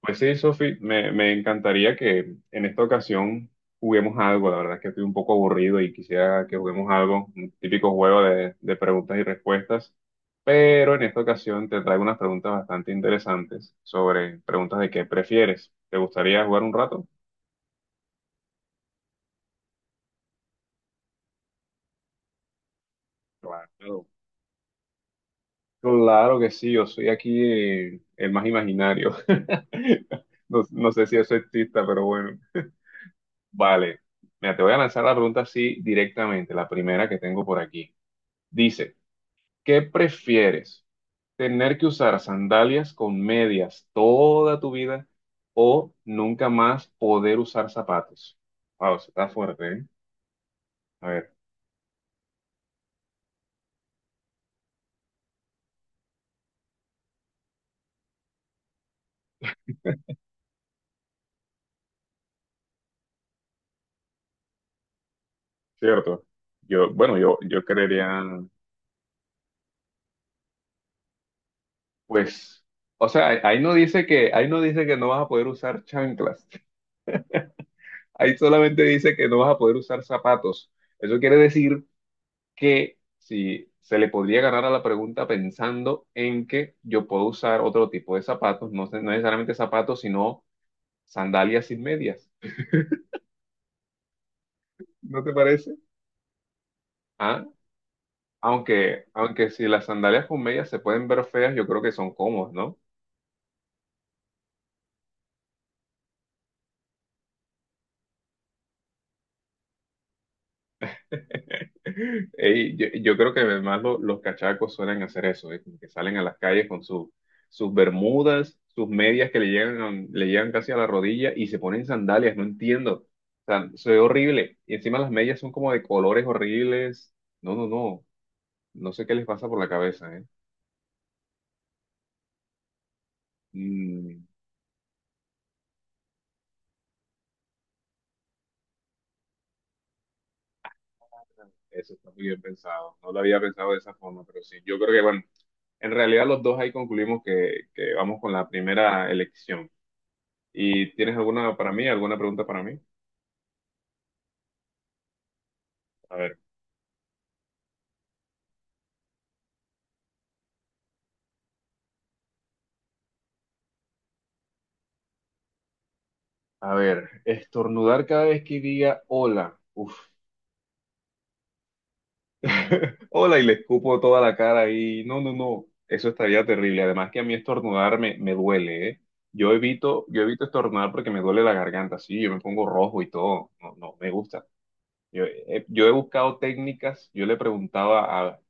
Pues sí, Sofi, me encantaría que en esta ocasión juguemos algo. La verdad es que estoy un poco aburrido y quisiera que juguemos algo, un típico juego de preguntas y respuestas. Pero en esta ocasión te traigo unas preguntas bastante interesantes sobre preguntas de qué prefieres. ¿Te gustaría jugar un rato? Claro. Claro que sí, yo soy aquí el más imaginario. No, no sé si eso exista, pero bueno. Vale. Mira, te voy a lanzar la pregunta así directamente, la primera que tengo por aquí. Dice, ¿qué prefieres? ¿Tener que usar sandalias con medias toda tu vida o nunca más poder usar zapatos? Wow, eso está fuerte, ¿eh? A ver, cierto. Yo creería, pues, o sea, ahí no dice que, ahí no dice que no vas a poder usar chanclas. Ahí solamente dice que no vas a poder usar zapatos. Eso quiere decir que si se le podría agarrar a la pregunta pensando en que yo puedo usar otro tipo de zapatos, no, no necesariamente zapatos, sino sandalias sin medias. ¿No te parece? Ah, aunque si las sandalias con medias se pueden ver feas, yo creo que son cómodas, ¿no? Ey, yo creo que además los cachacos suelen hacer eso, ¿eh? Como que salen a las calles con sus bermudas, sus medias que le llegan casi a la rodilla y se ponen sandalias, no entiendo. O sea, se ve horrible. Y encima las medias son como de colores horribles. No, no, no. No sé qué les pasa por la cabeza, ¿eh? Mm, eso está muy bien pensado. No lo había pensado de esa forma, pero sí. Yo creo que, bueno, en realidad los dos ahí concluimos que vamos con la primera elección. ¿Y tienes alguna para mí, alguna pregunta para mí? A ver, a ver, estornudar cada vez que diga hola. Uf, hola y le escupo toda la cara y no, no, no, eso estaría terrible. Además que a mí estornudar me duele, ¿eh? Yo evito estornudar porque me duele la garganta, sí, yo me pongo rojo y todo. No, no, me gusta. Yo, yo he buscado técnicas, yo le preguntaba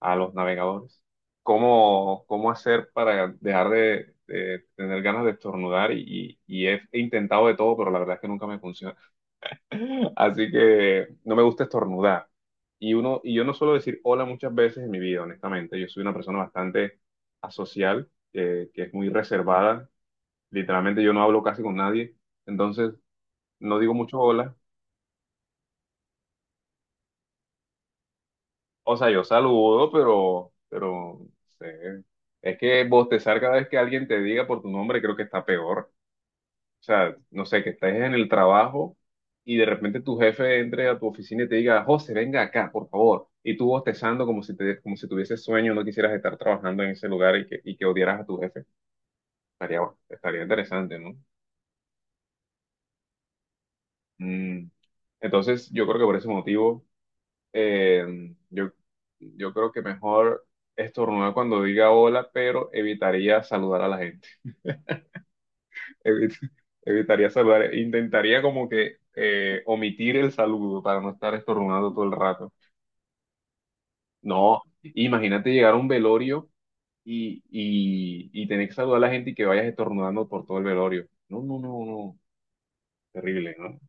a los navegadores cómo, cómo hacer para dejar de tener ganas de estornudar y, y he intentado de todo, pero la verdad es que nunca me funciona. Así que no me gusta estornudar. Y uno, y yo no suelo decir hola muchas veces en mi vida, honestamente. Yo soy una persona bastante asocial, que es muy reservada. Literalmente yo no hablo casi con nadie. Entonces, no digo mucho hola. O sea, yo saludo, pero no sé. Es que bostezar cada vez que alguien te diga por tu nombre creo que está peor. O sea, no sé, que estés en el trabajo y de repente tu jefe entre a tu oficina y te diga, José, venga acá, por favor. Y tú bostezando como si te, como si tuvieses sueño, no quisieras estar trabajando en ese lugar y que odiaras a tu jefe. Estaría, bueno, estaría interesante, ¿no? Mm. Entonces, yo creo que por ese motivo, eh, yo, yo creo que mejor estornudar cuando diga hola, pero evitaría saludar a la gente. Evit- Evitaría saludar, intentaría como que omitir el saludo para no estar estornudando todo el rato. No, imagínate llegar a un velorio y tener que saludar a la gente y que vayas estornudando por todo el velorio. No, no, no, no, terrible, ¿no?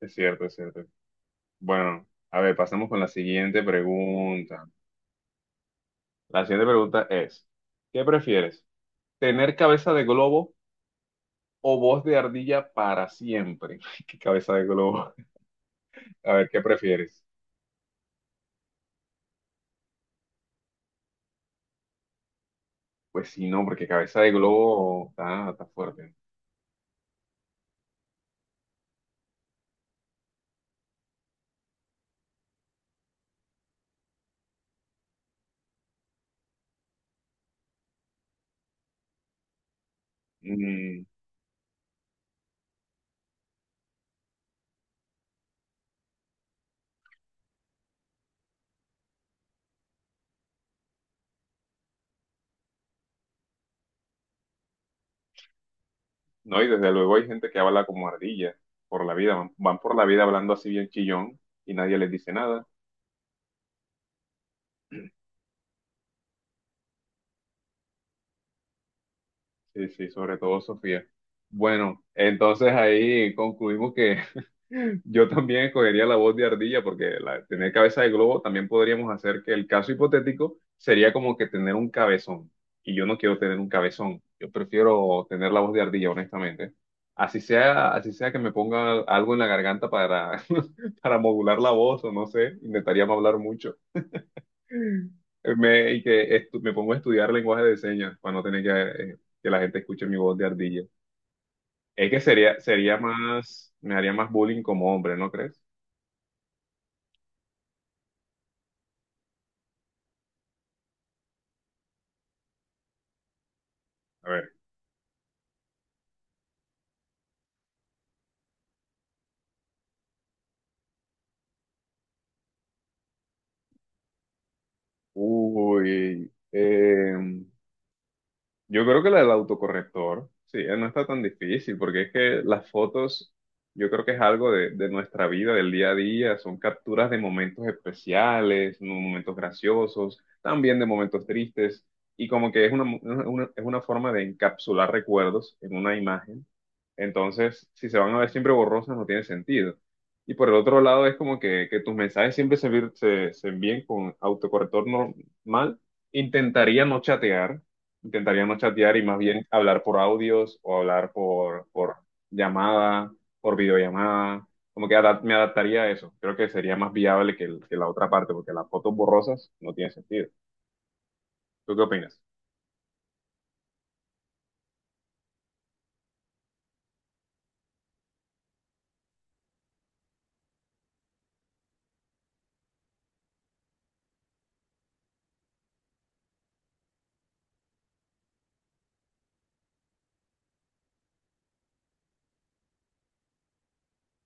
Es cierto, es cierto. Bueno, a ver, pasemos con la siguiente pregunta. La siguiente pregunta es, ¿qué prefieres? ¿Tener cabeza de globo o voz de ardilla para siempre? ¿Qué cabeza de globo? A ver, ¿qué prefieres? Pues sí, no, porque cabeza de globo está, está fuerte. Mm, no, y desde luego hay gente que habla como ardilla por la vida, van, van por la vida hablando así bien chillón y nadie les dice nada. Sí, sí, sobre todo Sofía. Bueno, entonces ahí concluimos que yo también escogería la voz de ardilla porque la, tener cabeza de globo también podríamos hacer que el caso hipotético sería como que tener un cabezón. Y yo no quiero tener un cabezón. Yo prefiero tener la voz de ardilla, honestamente. Así sea que me ponga algo en la garganta para, para modular la voz o no sé, intentaría no hablar mucho. Y me pongo a estudiar lenguaje de señas para no tener que la gente escuche mi voz de ardilla. Es que sería, sería más, me haría más bullying como hombre, ¿no crees? A ver. Uy, yo creo que la del autocorrector, sí, no está tan difícil, porque es que las fotos, yo creo que es algo de nuestra vida, del día a día, son capturas de momentos especiales, momentos graciosos, también de momentos tristes, y como que es una, es una forma de encapsular recuerdos en una imagen. Entonces, si se van a ver siempre borrosas, no tiene sentido. Y por el otro lado, es como que tus mensajes siempre se, se envíen con autocorrector normal. Intentaría no chatear Intentaría no chatear y más bien hablar por audios o hablar por llamada, por videollamada. Como que me adaptaría a eso. Creo que sería más viable que, que la otra parte, porque las fotos borrosas no tienen sentido. ¿Tú qué opinas?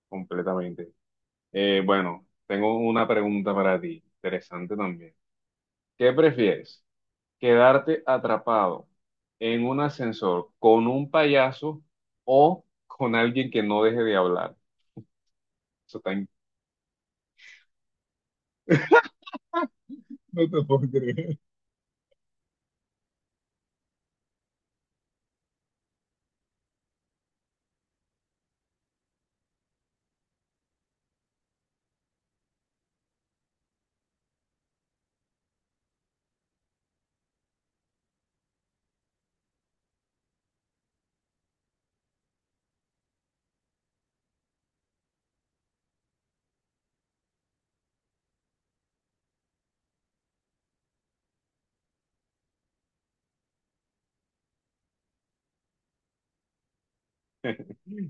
Completamente. Bueno, tengo una pregunta para ti, interesante también. ¿Qué prefieres? ¿Quedarte atrapado en un ascensor con un payaso o con alguien que no deje de hablar? Eso está, no te puedo creer.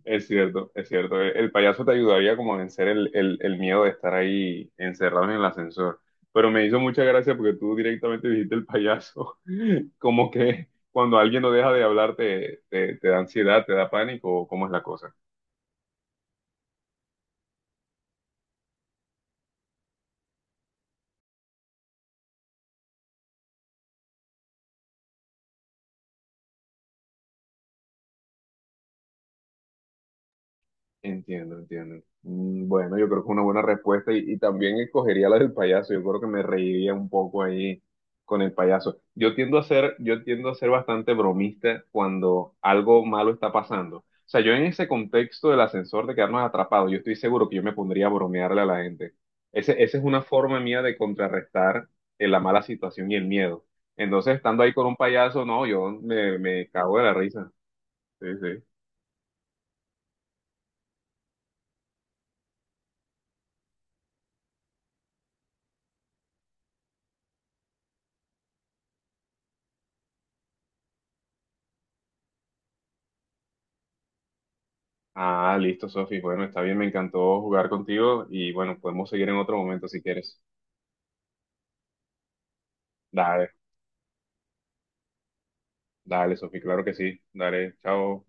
Es cierto, es cierto. El payaso te ayudaría como a vencer el miedo de estar ahí encerrado en el ascensor. Pero me hizo mucha gracia porque tú directamente dijiste el payaso. Como que cuando alguien no deja de hablar te, te, te da ansiedad, te da pánico, ¿o ¿cómo es la cosa? Entiendo, entiendo. Mm, bueno, yo creo que es una buena respuesta y también escogería la del payaso. Yo creo que me reiría un poco ahí con el payaso. Yo tiendo a ser, yo tiendo a ser bastante bromista cuando algo malo está pasando. O sea, yo en ese contexto del ascensor de quedarnos atrapados, yo estoy seguro que yo me pondría a bromearle a la gente. Ese, esa es una forma mía de contrarrestar la mala situación y el miedo. Entonces, estando ahí con un payaso, no, me cago de la risa. Sí, sí. Ah, listo, Sofi. Bueno, está bien, me encantó jugar contigo y bueno, podemos seguir en otro momento si quieres. Dale, dale, Sofi, claro que sí. Dale, chao.